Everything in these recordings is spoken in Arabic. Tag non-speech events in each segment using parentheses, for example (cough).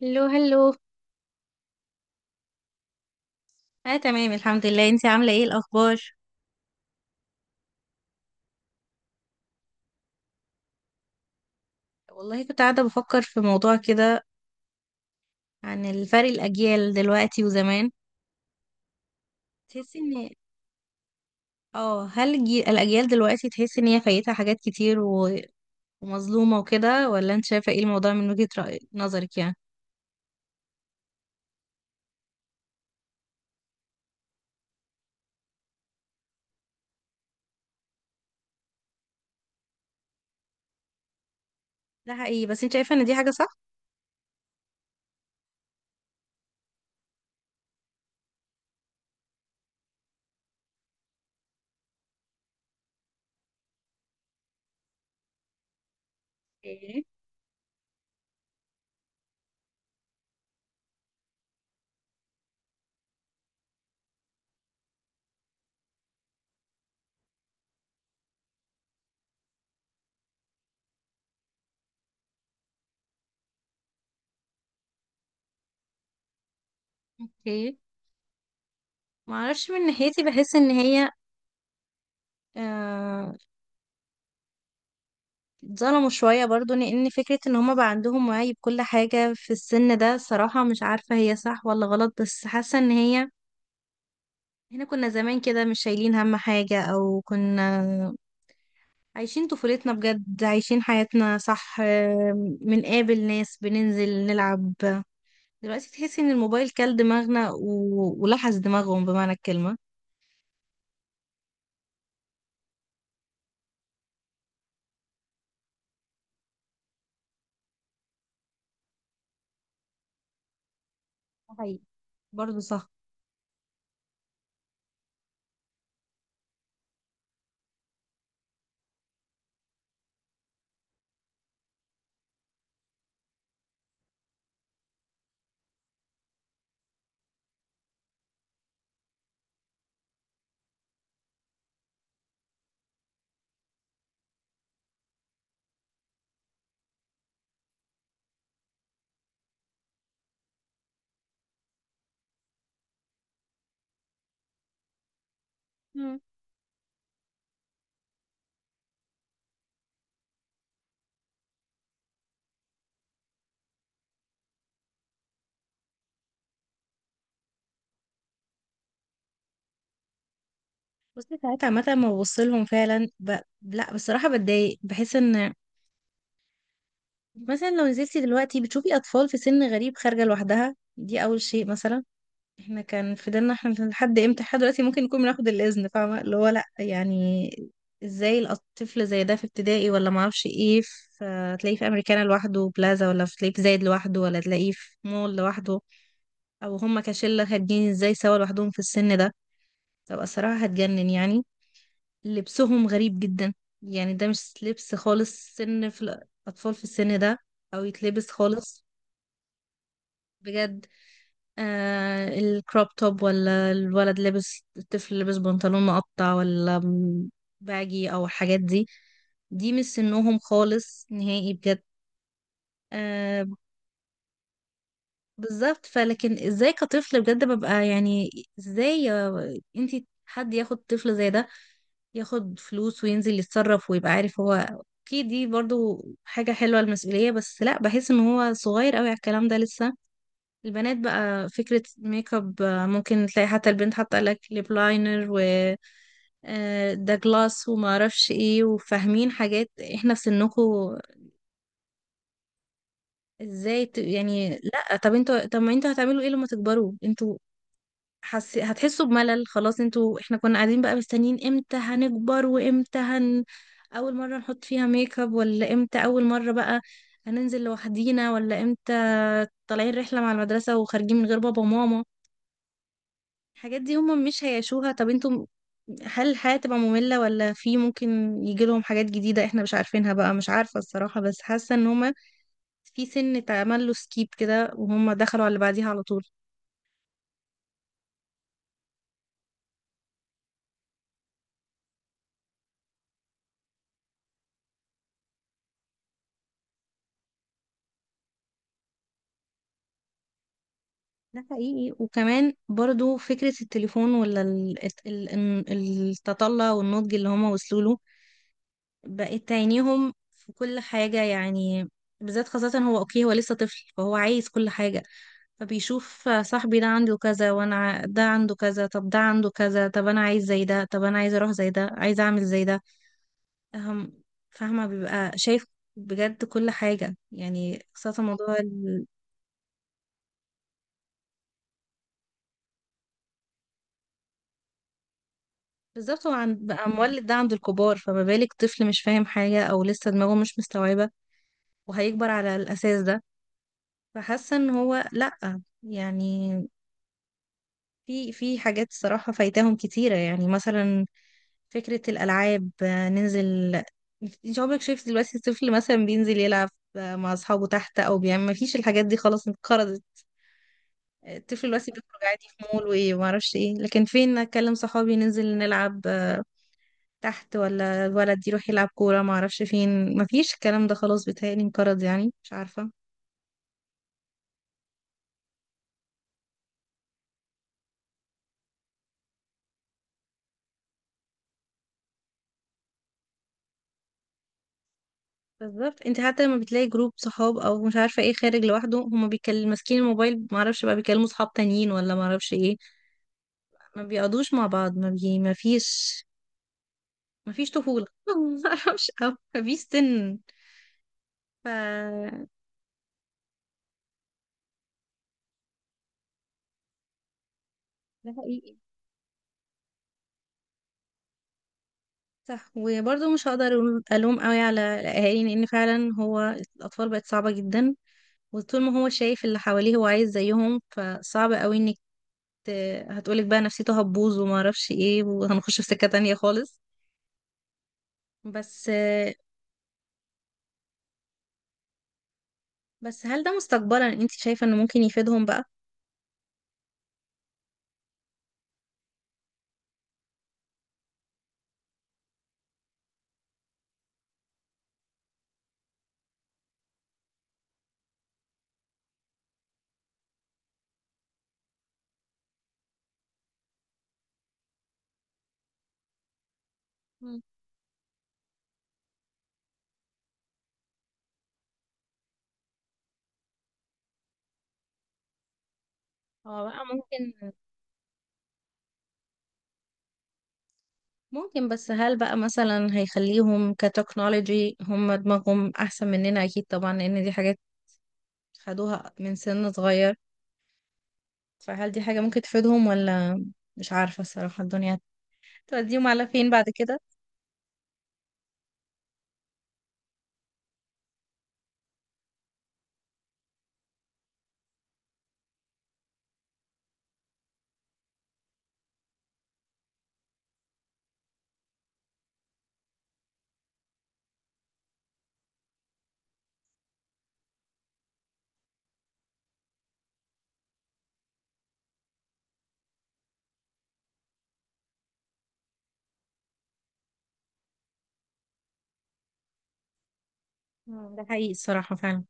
هلو هلو. اه، تمام، الحمد لله. انتي عاملة ايه؟ الأخبار؟ والله كنت قاعدة بفكر في موضوع كده عن الفرق الأجيال دلوقتي وزمان. تحسي ان اه هل الأجيال دلوقتي تحسي ان هي فايتها حاجات كتير ومظلومة وكده؟ ولا انت شايفة ايه الموضوع من وجهة رأي نظرك يعني؟ ده حقيقي. بس انت شايفة ان دي حاجة صح؟ ايه، ايه، معرفش من ناحيتي. بحس ان هي آه، اتظلموا شوية برضو، لأن فكرة ان هما بقى عندهم وعي بكل حاجة في السن ده، صراحة مش عارفة هي صح ولا غلط، بس حاسة ان هي. احنا كنا زمان كده مش شايلين هم حاجة، او كنا عايشين طفولتنا بجد، عايشين حياتنا صح. بنقابل ناس، بننزل نلعب. دلوقتي تحسي ان الموبايل كل دماغنا ولحس دماغهم بمعنى الكلمة. ده حقيقي، برضو صح. مم. بس ساعات عامة ما ببصلهم، فعلا لا، بصراحة بتضايق، بحس ان مثلا لو نزلتي دلوقتي بتشوفي أطفال في سن غريب خارجة لوحدها. دي أول شيء. مثلا احنا كان في ديننا، احنا لحد امتى؟ لحد دلوقتي ممكن نكون بناخد الإذن، فاهمة؟ اللي هو لأ، يعني ازاي الطفل زي ده في ابتدائي ولا معرفش ايه، في تلاقيه في أمريكانا لوحده بلازا، ولا تلاقيه في زايد لوحده، ولا تلاقيه في مول لوحده؟ أو هما كشلة خارجين ازاي سوا لوحدهم في السن ده؟ طب الصراحة هتجنن يعني. لبسهم غريب جدا. يعني ده مش لبس خالص سن في الأطفال في السن ده، أو يتلبس خالص. بجد. الكروب توب، ولا الولد لابس، الطفل لابس بنطلون مقطع، باجي او الحاجات دي. دي مش سنهم خالص، نهائي، بجد. آه بالظبط. فلكن ازاي كطفل بجد ببقى يعني ازاي انتي حد ياخد طفل زي ده، ياخد فلوس وينزل يتصرف ويبقى عارف؟ هو اوكي، دي برضو حاجة حلوة، المسؤولية، بس لا، بحس ان هو صغير قوي على الكلام ده لسه. البنات بقى فكرة ميك اب، ممكن تلاقي حتى البنت حاطة لك ليب لاينر و ده جلاس وما اعرفش ايه، وفاهمين حاجات احنا في سنكم. ازاي يعني لا، طب انتوا، طب ما انتوا هتعملوا ايه لما تكبروا انتوا؟ هتحسوا بملل خلاص انتوا. احنا كنا قاعدين بقى مستنيين امتى هنكبر، وامتى اول مرة نحط فيها ميك اب، ولا امتى اول مرة بقى هننزل لوحدينا، ولا امتى طالعين رحلة مع المدرسة وخارجين من غير بابا وماما. الحاجات دي هم مش هيعيشوها. طب انتم هل الحياة تبقى مملة، ولا في ممكن يجي لهم حاجات جديدة احنا مش عارفينها بقى؟ مش عارفة الصراحة، بس حاسة ان هما في سن اتعمل له سكيب كده، وهم دخلوا على اللي بعديها على طول. ده حقيقي. وكمان برضو فكرة التليفون، ولا التطلع والنضج اللي هما وصلوا له بقت تعينيهم في كل حاجة يعني. بالذات خاصة، هو اوكي، هو لسه طفل فهو عايز كل حاجة، فبيشوف صاحبي ده عنده كذا، ده عنده كذا، طب ده عنده كذا، طب انا عايز زي ده، طب انا عايز اروح زي ده، عايز اعمل زي ده. أهم فاهمة؟ بيبقى شايف بجد كل حاجة يعني. خاصة موضوع بالظبط. هو بقى مولد ده عند الكبار، فما بالك طفل مش فاهم حاجة أو لسه دماغه مش مستوعبة؟ وهيكبر على الأساس ده. فحاسة إن هو لأ، يعني في حاجات الصراحة فايتاهم كتيرة، يعني مثلا فكرة الألعاب. ننزل، انت عمرك شايف دلوقتي الطفل مثلا بينزل يلعب مع أصحابه تحت، أو بيعمل؟ مفيش الحاجات دي خلاص، انقرضت. الطفل دلوقتي بيخرج عادي في مول وإيه ومعرفش إيه، لكن فين أكلم صحابي ننزل نلعب تحت، ولا الولد يروح يلعب كورة معرفش فين؟ مفيش الكلام ده خلاص، بيتهيألي انقرض يعني، مش عارفة. بالظبط. انت حتى لما بتلاقي جروب صحاب او مش عارفه ايه خارج لوحده، هما بيتكلم ماسكين الموبايل، ما اعرفش بقى بيكلموا صحاب تانيين ولا ما اعرفش ايه. ما بيقعدوش مع بعض، ما فيش طفوله (laughs) ما اعرفش، او ما فيش سن. ف ده حقيقي. صح. وبرضه مش هقدر الوم قوي على الاهالي، لان فعلا هو الاطفال بقت صعبه جدا، وطول ما هو شايف اللي حواليه هو عايز زيهم، فصعب قوي انك هتقولك بقى نفسيته هتبوظ وما اعرفش ايه، وهنخش في سكه تانية خالص، بس بس هل ده مستقبلا انت شايفة انه ممكن يفيدهم بقى؟ مم. هو بقى ممكن، ممكن. بس هل بقى مثلا هيخليهم كتكنولوجي هم دماغهم احسن مننا؟ اكيد طبعا، لان دي حاجات خدوها من سن صغير. فهل دي حاجة ممكن تفيدهم ولا؟ مش عارفة الصراحة، الدنيا توديهم على فين بعد كده؟ ده حقيقي الصراحة فعلا.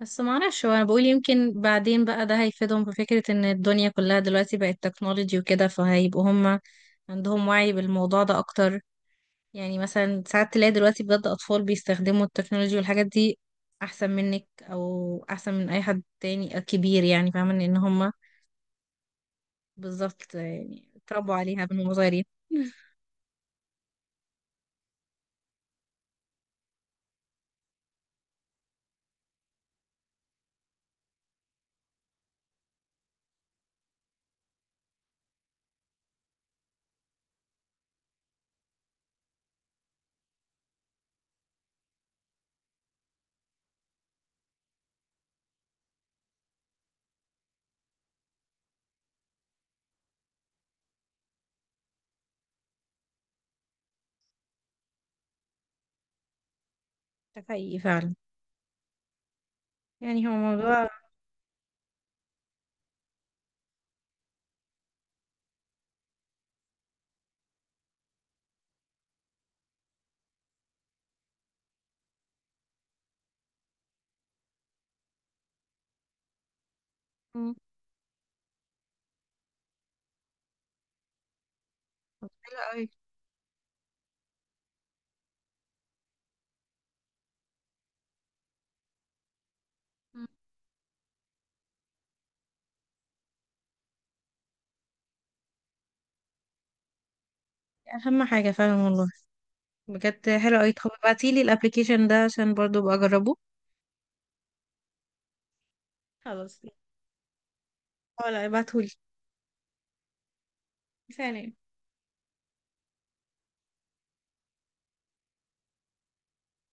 بس ما اعرفش، هو انا بقول يمكن بعدين بقى ده هيفيدهم في فكرة ان الدنيا كلها دلوقتي بقت تكنولوجي وكده، فهيبقوا هم عندهم وعي بالموضوع ده اكتر. يعني مثلا ساعات تلاقي دلوقتي بجد أطفال بيستخدموا التكنولوجيا والحاجات دي أحسن منك، أو أحسن من أي حد تاني كبير يعني، فاهمة؟ لأن هما. بالظبط، يعني اتربوا عليها من هما صغيرين. ده حقيقي فعلا. يعني هو موضوع. مم. طب حلو قوي. مم. أهم حاجة فعلا، والله. بجد حلو قوي. طب ابعتيلي الابلكيشن ده عشان برضو أبقى أجربه. خلاص. ولا ابعتهولي؟ سلام.